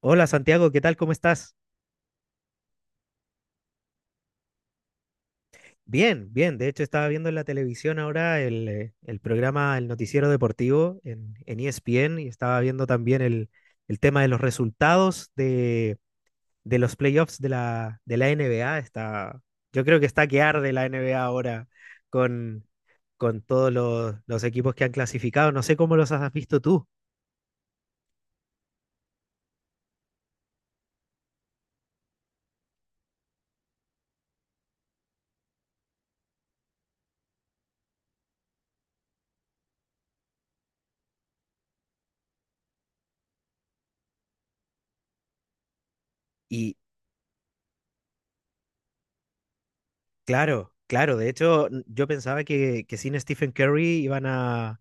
Hola Santiago, ¿qué tal? ¿Cómo estás? Bien, bien. De hecho, estaba viendo en la televisión ahora el programa, el noticiero deportivo en ESPN y estaba viendo también el tema de los resultados de los playoffs de la NBA. Yo creo que está que arde la NBA ahora con, con todos los equipos que han clasificado. No sé cómo los has visto tú. Y claro, claro. De hecho, yo pensaba que sin Stephen Curry iban a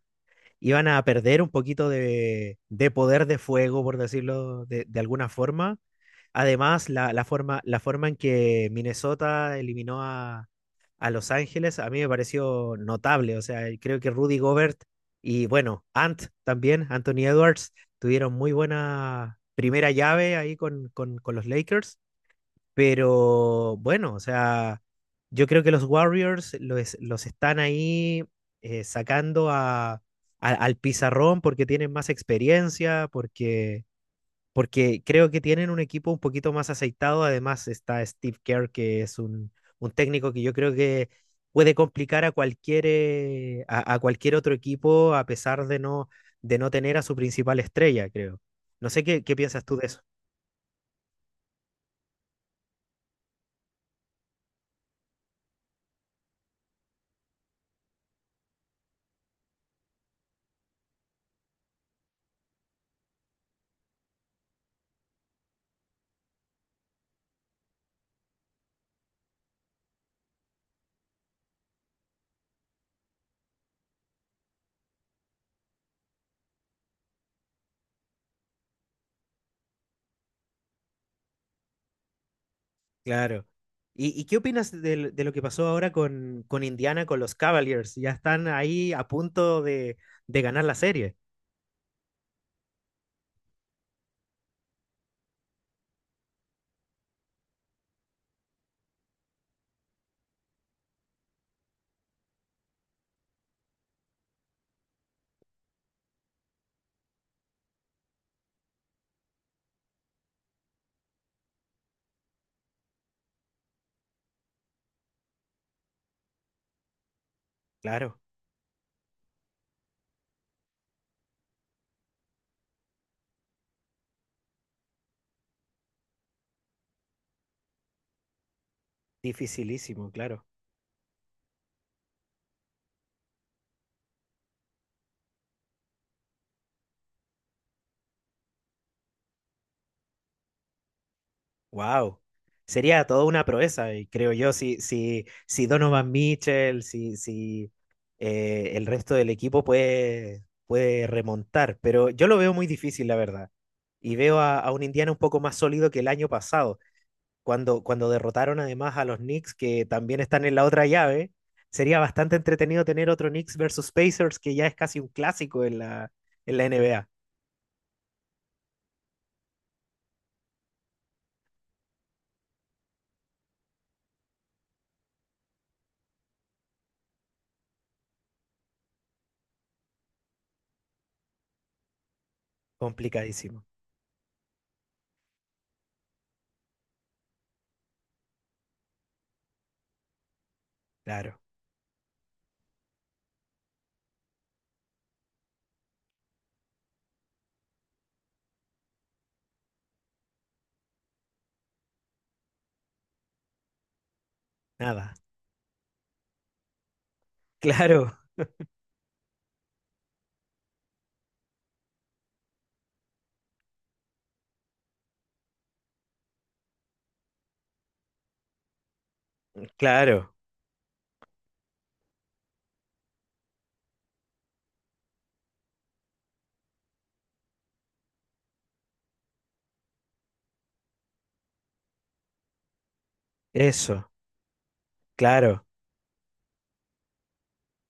iban a perder un poquito de poder de fuego, por decirlo de alguna forma. Además, la forma en que Minnesota eliminó a Los Ángeles a mí me pareció notable. O sea, y creo que Rudy Gobert y bueno, Ant también, Anthony Edwards, tuvieron muy buena primera llave ahí con los Lakers. Pero bueno, o sea, yo creo que los Warriors los están ahí sacando al pizarrón porque tienen más experiencia, porque creo que tienen un equipo un poquito más aceitado. Además está Steve Kerr, que es un técnico que yo creo que puede complicar a cualquier otro equipo a pesar de no tener a su principal estrella, creo. No sé qué piensas tú de eso. Claro. ¿Y qué opinas de lo que pasó ahora con Indiana, con los Cavaliers? Ya están ahí a punto de ganar la serie. Claro, dificilísimo, claro. Wow. Sería toda una proeza, y creo yo, si Donovan Mitchell, si, si el resto del equipo puede remontar. Pero yo lo veo muy difícil, la verdad. Y veo a un Indiana un poco más sólido que el año pasado, cuando derrotaron además a los Knicks, que también están en la otra llave. Sería bastante entretenido tener otro Knicks versus Pacers, que ya es casi un clásico en la NBA. Complicadísimo. Claro, nada. Claro, claro. Eso, claro.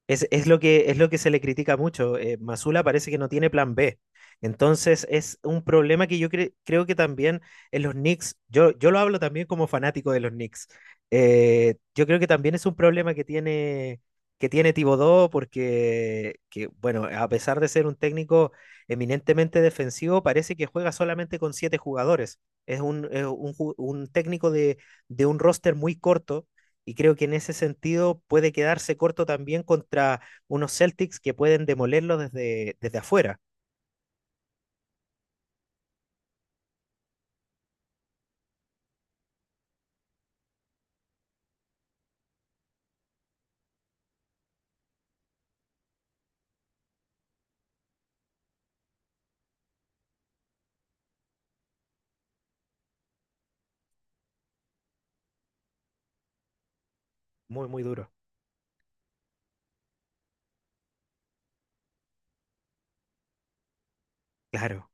Es lo que se le critica mucho. Masula parece que no tiene plan B. Entonces es un problema que yo creo que también en los Knicks, yo lo hablo también como fanático de los Knicks. Yo creo que también es un problema que tiene Thibodeau porque, bueno, a pesar de ser un técnico eminentemente defensivo, parece que juega solamente con siete jugadores. Es un técnico de un roster muy corto y creo que en ese sentido puede quedarse corto también contra unos Celtics que pueden demolerlo desde afuera. Muy, muy duro. Claro.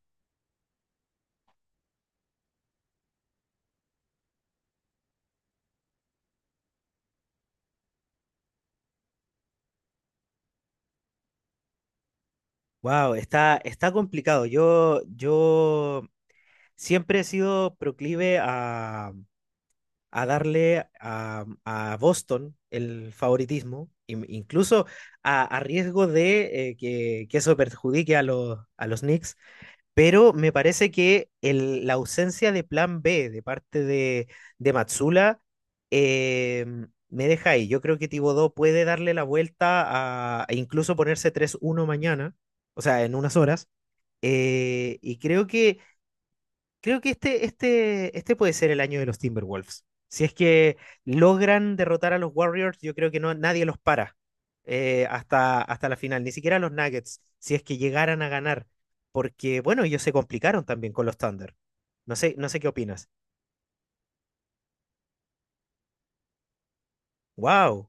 Wow, está complicado. Yo siempre he sido proclive a darle a Boston el favoritismo, incluso a riesgo de que eso perjudique a los Knicks. Pero me parece que la ausencia de plan B de parte de Matsula eh, me deja ahí. Yo creo que Tibodó puede darle la vuelta a, e incluso ponerse 3-1 mañana, o sea, en unas horas. Eh, y creo que Creo que este puede ser el año de los Timberwolves. Si es que logran derrotar a los Warriors, yo creo que no, nadie los para, hasta la final, ni siquiera los Nuggets, si es que llegaran a ganar, porque bueno, ellos se complicaron también con los Thunder. No sé qué opinas. ¡Wow!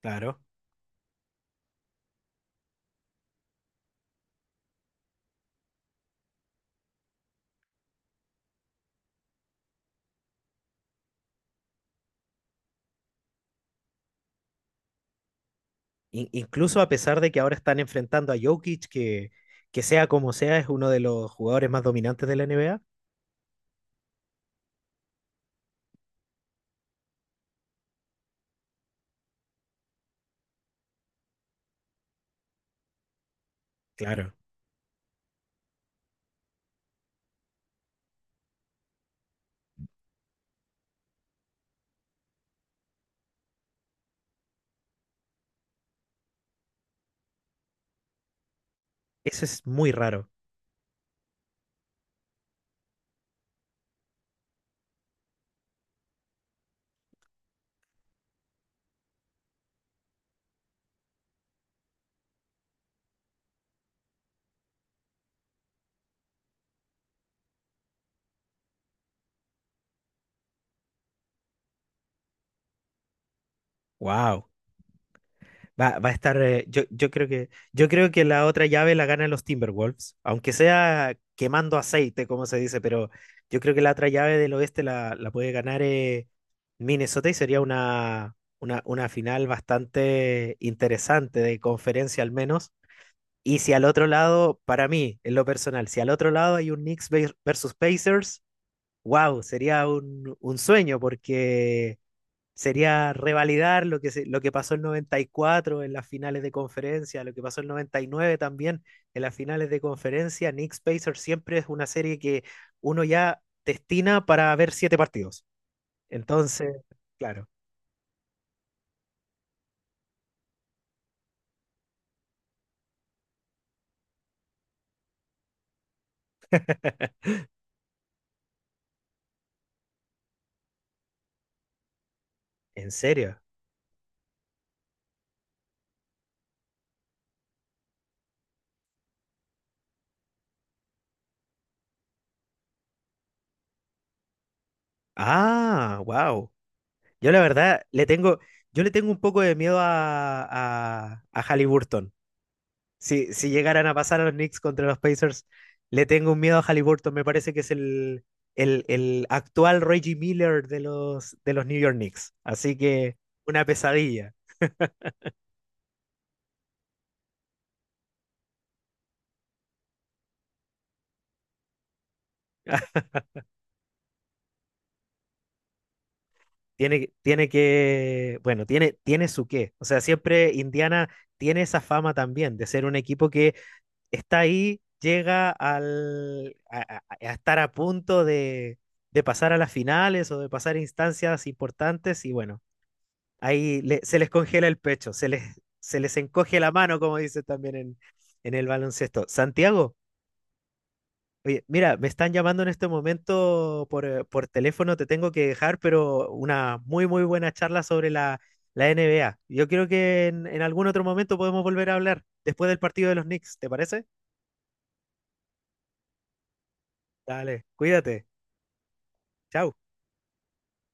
Claro. Incluso a pesar de que ahora están enfrentando a Jokic, que sea como sea, es uno de los jugadores más dominantes de la NBA. Claro. Eso es muy raro. ¡Wow! Va a estar. Yo creo que, yo creo que la otra llave la ganan los Timberwolves, aunque sea quemando aceite, como se dice, pero yo creo que la otra llave del oeste la puede ganar Minnesota, y sería una final bastante interesante de conferencia al menos. Y si al otro lado, para mí, en lo personal, si al otro lado hay un Knicks versus Pacers, wow, sería un sueño, porque sería revalidar lo que pasó el 94 en las finales de conferencia, lo que pasó el 99 también en las finales de conferencia. Knicks Pacers siempre es una serie que uno ya destina para ver siete partidos. Entonces, claro. ¿En serio? Ah, wow. Yo la verdad le tengo, yo le tengo un poco de miedo a Halliburton. Si llegaran a pasar a los Knicks contra los Pacers, le tengo un miedo a Halliburton. Me parece que es el actual Reggie Miller de los New York Knicks. Así que una pesadilla. Tiene que, bueno, tiene su qué. O sea, siempre Indiana tiene esa fama también de ser un equipo que está ahí, llega al, a estar a punto de pasar a las finales o de pasar a instancias importantes y, bueno, ahí se les congela el pecho, se les encoge la mano, como dice también en el baloncesto. Santiago, oye, mira, me están llamando en este momento por teléfono, te tengo que dejar, pero una muy, muy buena charla sobre la NBA. Yo creo que en algún otro momento podemos volver a hablar después del partido de los Knicks, ¿te parece? Dale, cuídate. Chao.